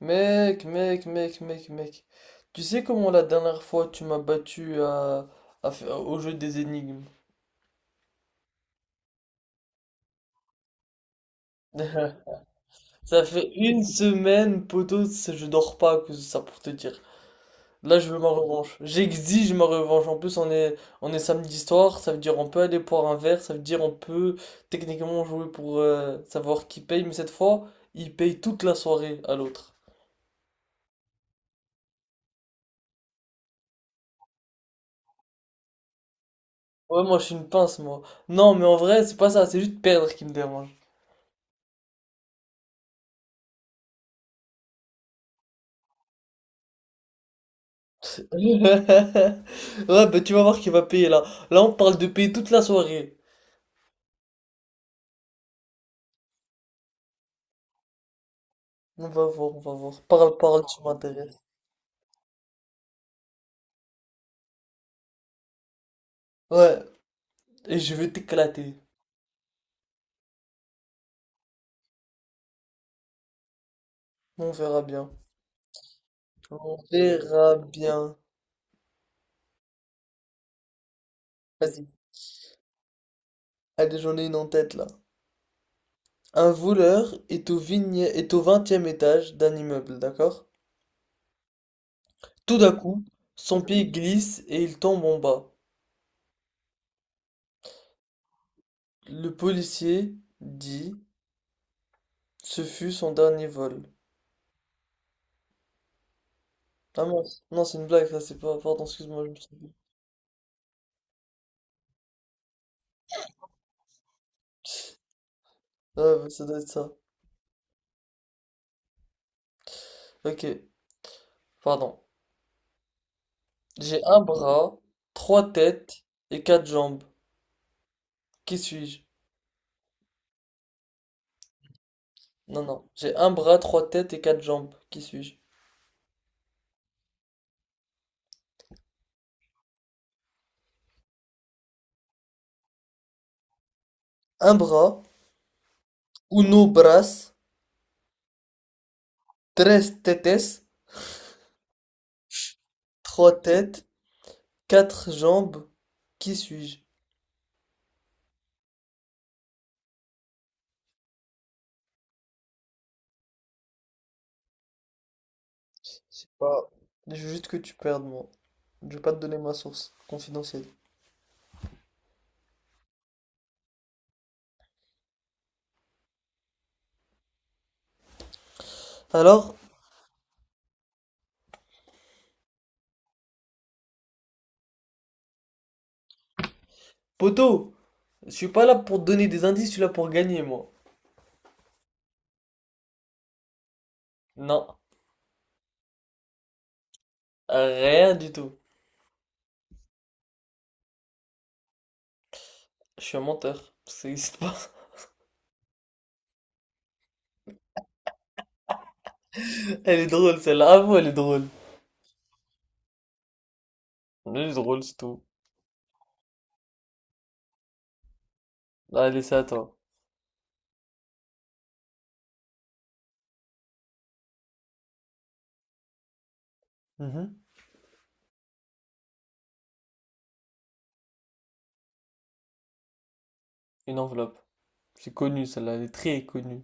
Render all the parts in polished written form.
Mec, mec, mec, mec, mec. Tu sais comment la dernière fois tu m'as battu au jeu des énigmes? Ça fait une semaine, poteau, c'est- je dors pas que ça pour te dire. Là, je veux ma revanche. J'exige ma revanche. En plus, on est samedi soir, ça veut dire on peut aller boire un verre, ça veut dire on peut techniquement jouer pour savoir qui paye, mais cette fois, il paye toute la soirée à l'autre. Ouais, moi, je suis une pince, moi. Non, mais en vrai, c'est pas ça, c'est juste perdre qui me dérange. Ouais, bah tu vas voir qu'il va payer là. Là, on parle de payer toute la soirée. On va voir, on va voir. Parle, parle, tu m'intéresses. Ouais, et je vais t'éclater. On verra bien. On verra bien. Vas-y. Allez, j'en ai une en tête là. Un voleur est au vingtième étage d'un immeuble, d'accord? Tout d'un coup, son pied glisse et il tombe en bas. Le policier dit, ce fut son dernier vol. Ah mince, non, c'est une blague, ça c'est pas. Pardon, excuse-moi, je me suis. Ouais, bah, ça doit être ça. Ok, pardon. J'ai un bras, trois têtes et quatre jambes. Qui suis-je? Non, non. J'ai un bras, trois têtes et quatre jambes. Qui suis-je? Un bras, uno bras, tres tetes, trois têtes, quatre jambes. Qui suis-je? Bah, je veux juste que tu perdes, moi. Je vais pas te donner ma source confidentielle. Alors, poto, je suis pas là pour te donner des indices, je suis là pour gagner, moi. Non, rien du tout. Je suis un menteur. Ça existe pas. Elle est drôle celle-là. Avoue, elle est drôle. Elle est drôle, c'est tout. Allez, c'est à toi. Mhm. Une enveloppe. C'est connu celle-là, elle est très connue.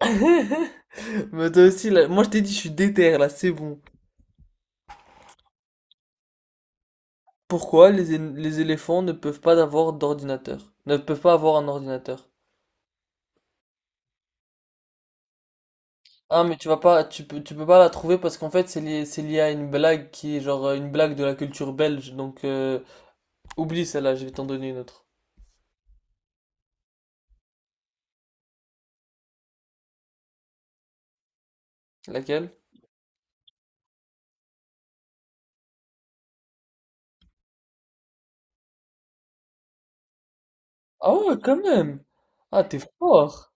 Mais toi aussi, là, moi je t'ai dit, je suis déter là, c'est bon. Pourquoi les, é- les éléphants ne peuvent pas avoir d'ordinateur? Ne peuvent pas avoir un ordinateur. Ah, mais tu vas pas, tu peux pas la trouver parce qu'en fait, c'est lié à une blague qui est genre une blague de la culture belge. Donc, oublie celle-là, je vais t'en donner une autre. Laquelle? Ah ouais, quand même. Ah, t'es fort.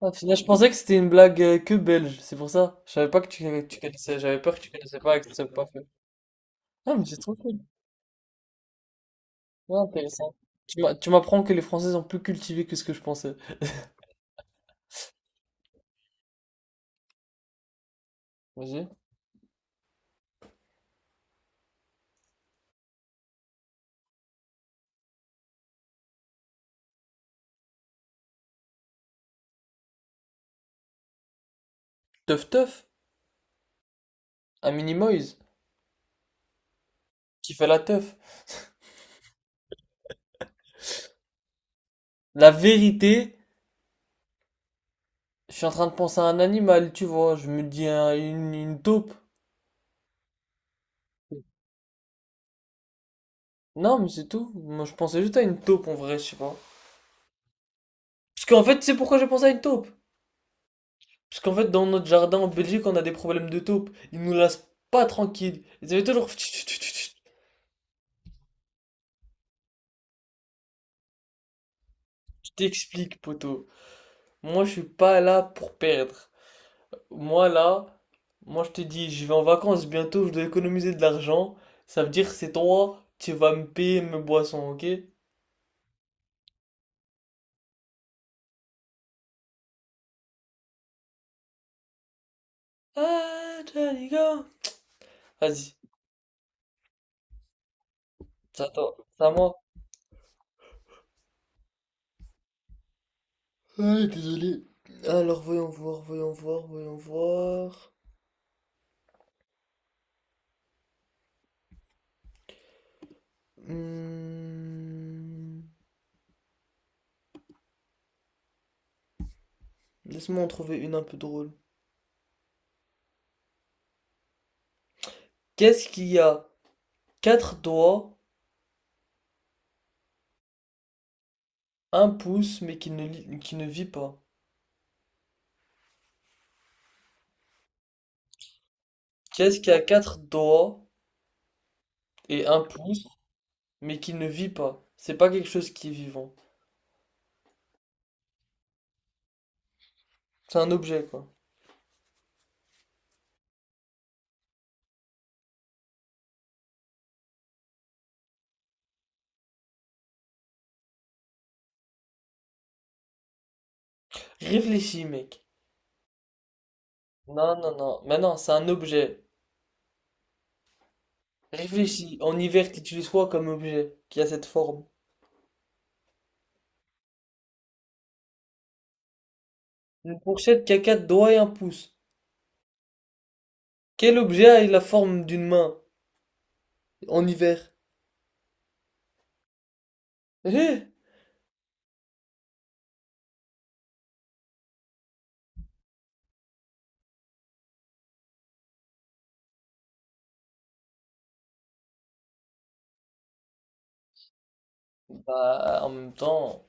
Ah, putain, je pensais que c'était une blague que belge, c'est pour ça. Je savais pas que tu connaissais, j'avais peur que tu connaissais pas et que tu savais pas faire. Ah, mais c'est trop cool. Ouais, intéressant. Tu m'apprends que les Français sont plus cultivés que ce que je pensais. Vas-y. Teuf teuf, un mini-moise, qui fait la teuf. La vérité, je suis en train de penser à un animal, tu vois, je me dis une taupe. Non, mais c'est tout. Moi, je pensais juste à une taupe en vrai, je sais pas. Parce qu'en fait, tu sais pourquoi j'ai pensé à une taupe? Parce qu'en fait, dans notre jardin en Belgique, on a des problèmes de taupes. Ils nous laissent pas tranquilles. Ils avaient toujours. Je t'explique, poteau. Moi, je suis pas là pour perdre. Moi, là, moi, je te dis, je vais en vacances bientôt, je dois économiser de l'argent. Ça veut dire, c'est toi, tu vas me payer mes boissons, ok? Ah, Johnny, go! Vas-y, c'est à c'est à moi. Ouais, désolé. Alors, voyons voir, voyons voir, voyons voir. Hmm, laisse-moi en trouver une un peu drôle. Qu'est-ce qui a quatre doigts, un pouce, qui ne vit pas? Qu'est-ce qui a quatre doigts et un pouce, mais qui ne vit pas? C'est pas quelque chose qui est vivant. C'est un objet, quoi. Réfléchis, mec. Non, non, non. Mais non, c'est un objet. Réfléchis. En hiver, qu'utilise quoi comme objet qui a cette forme? Une fourchette qui a quatre doigts et un pouce. Quel objet a la forme d'une main en hiver? Eh bah, en même temps,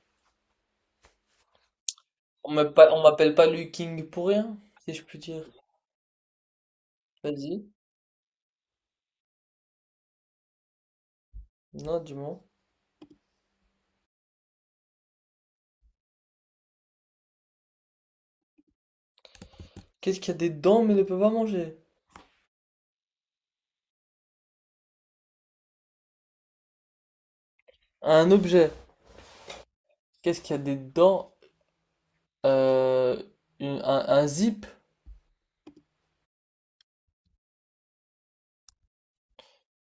on m'appelle pas Liu King pour rien, si je puis dire. Vas-y. Non, du moi. Qu'est-ce qui a des dents mais ne peut pas manger? Un objet. Qu'est-ce qui a des dents? Euh, un zip.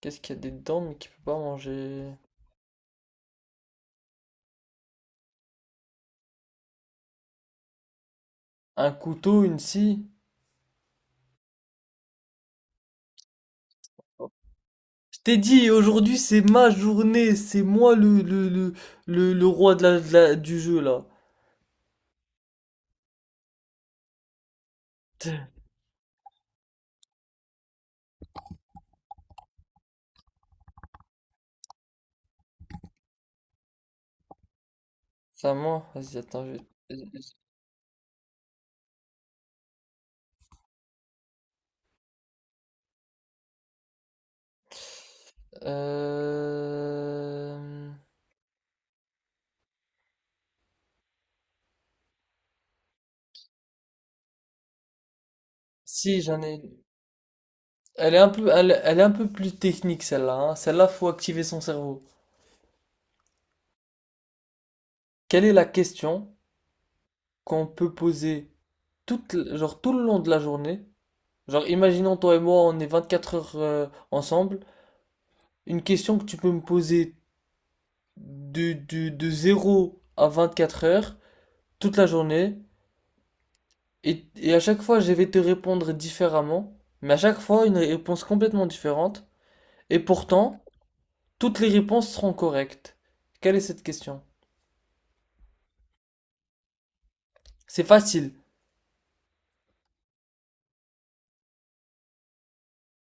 Qu'est-ce qui a des dents mais qui peut pas manger? Un couteau, une scie. Je t'ai dit, aujourd'hui c'est ma journée, c'est moi le roi du jeu là. C'est à moi. Vas-y, attends, je vais-. Euh... Si, j'en ai une. Elle est un peu, elle est un peu plus technique celle-là, hein. Celle-là, faut activer son cerveau. Quelle est la question qu'on peut poser toute, genre, tout le long de la journée. Genre, imaginons toi et moi, on est 24 heures ensemble. Une question que tu peux me poser de zéro à 24 heures, toute la journée. Et, à chaque fois, je vais te répondre différemment. Mais à chaque fois, une réponse complètement différente. Et pourtant, toutes les réponses seront correctes. Quelle est cette question? C'est facile.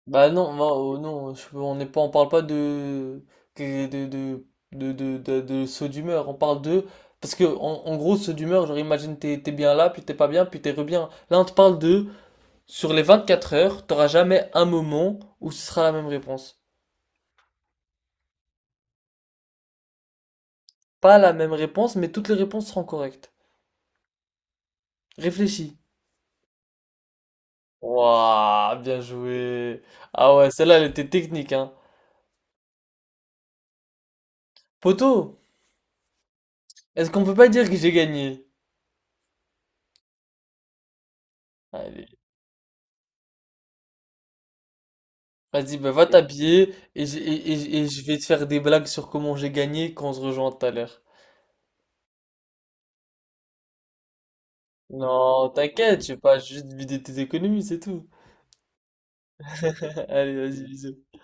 Bah non, moi, oh non, on n'est pas, on parle pas de que- de de de saut d'humeur. On parle de parce que en gros saut d'humeur, genre imagine t'es bien là, puis t'es pas bien, puis t'es re bien. Là, on te parle de sur les 24 heures, t'auras jamais un moment où ce sera la même réponse. Pas la même réponse, mais toutes les réponses seront correctes. Réfléchis. Waouh, bien joué. Ah ouais, celle-là, elle était technique, hein. Poto, est-ce qu'on peut pas dire que j'ai gagné? Allez. Vas-y, bah, va t'habiller et je vais te faire des blagues sur comment j'ai gagné quand on se rejoint tout à l'heure. Non, t'inquiète, je vais pas juste vider tes économies, c'est tout. Allez, vas-y, bisous.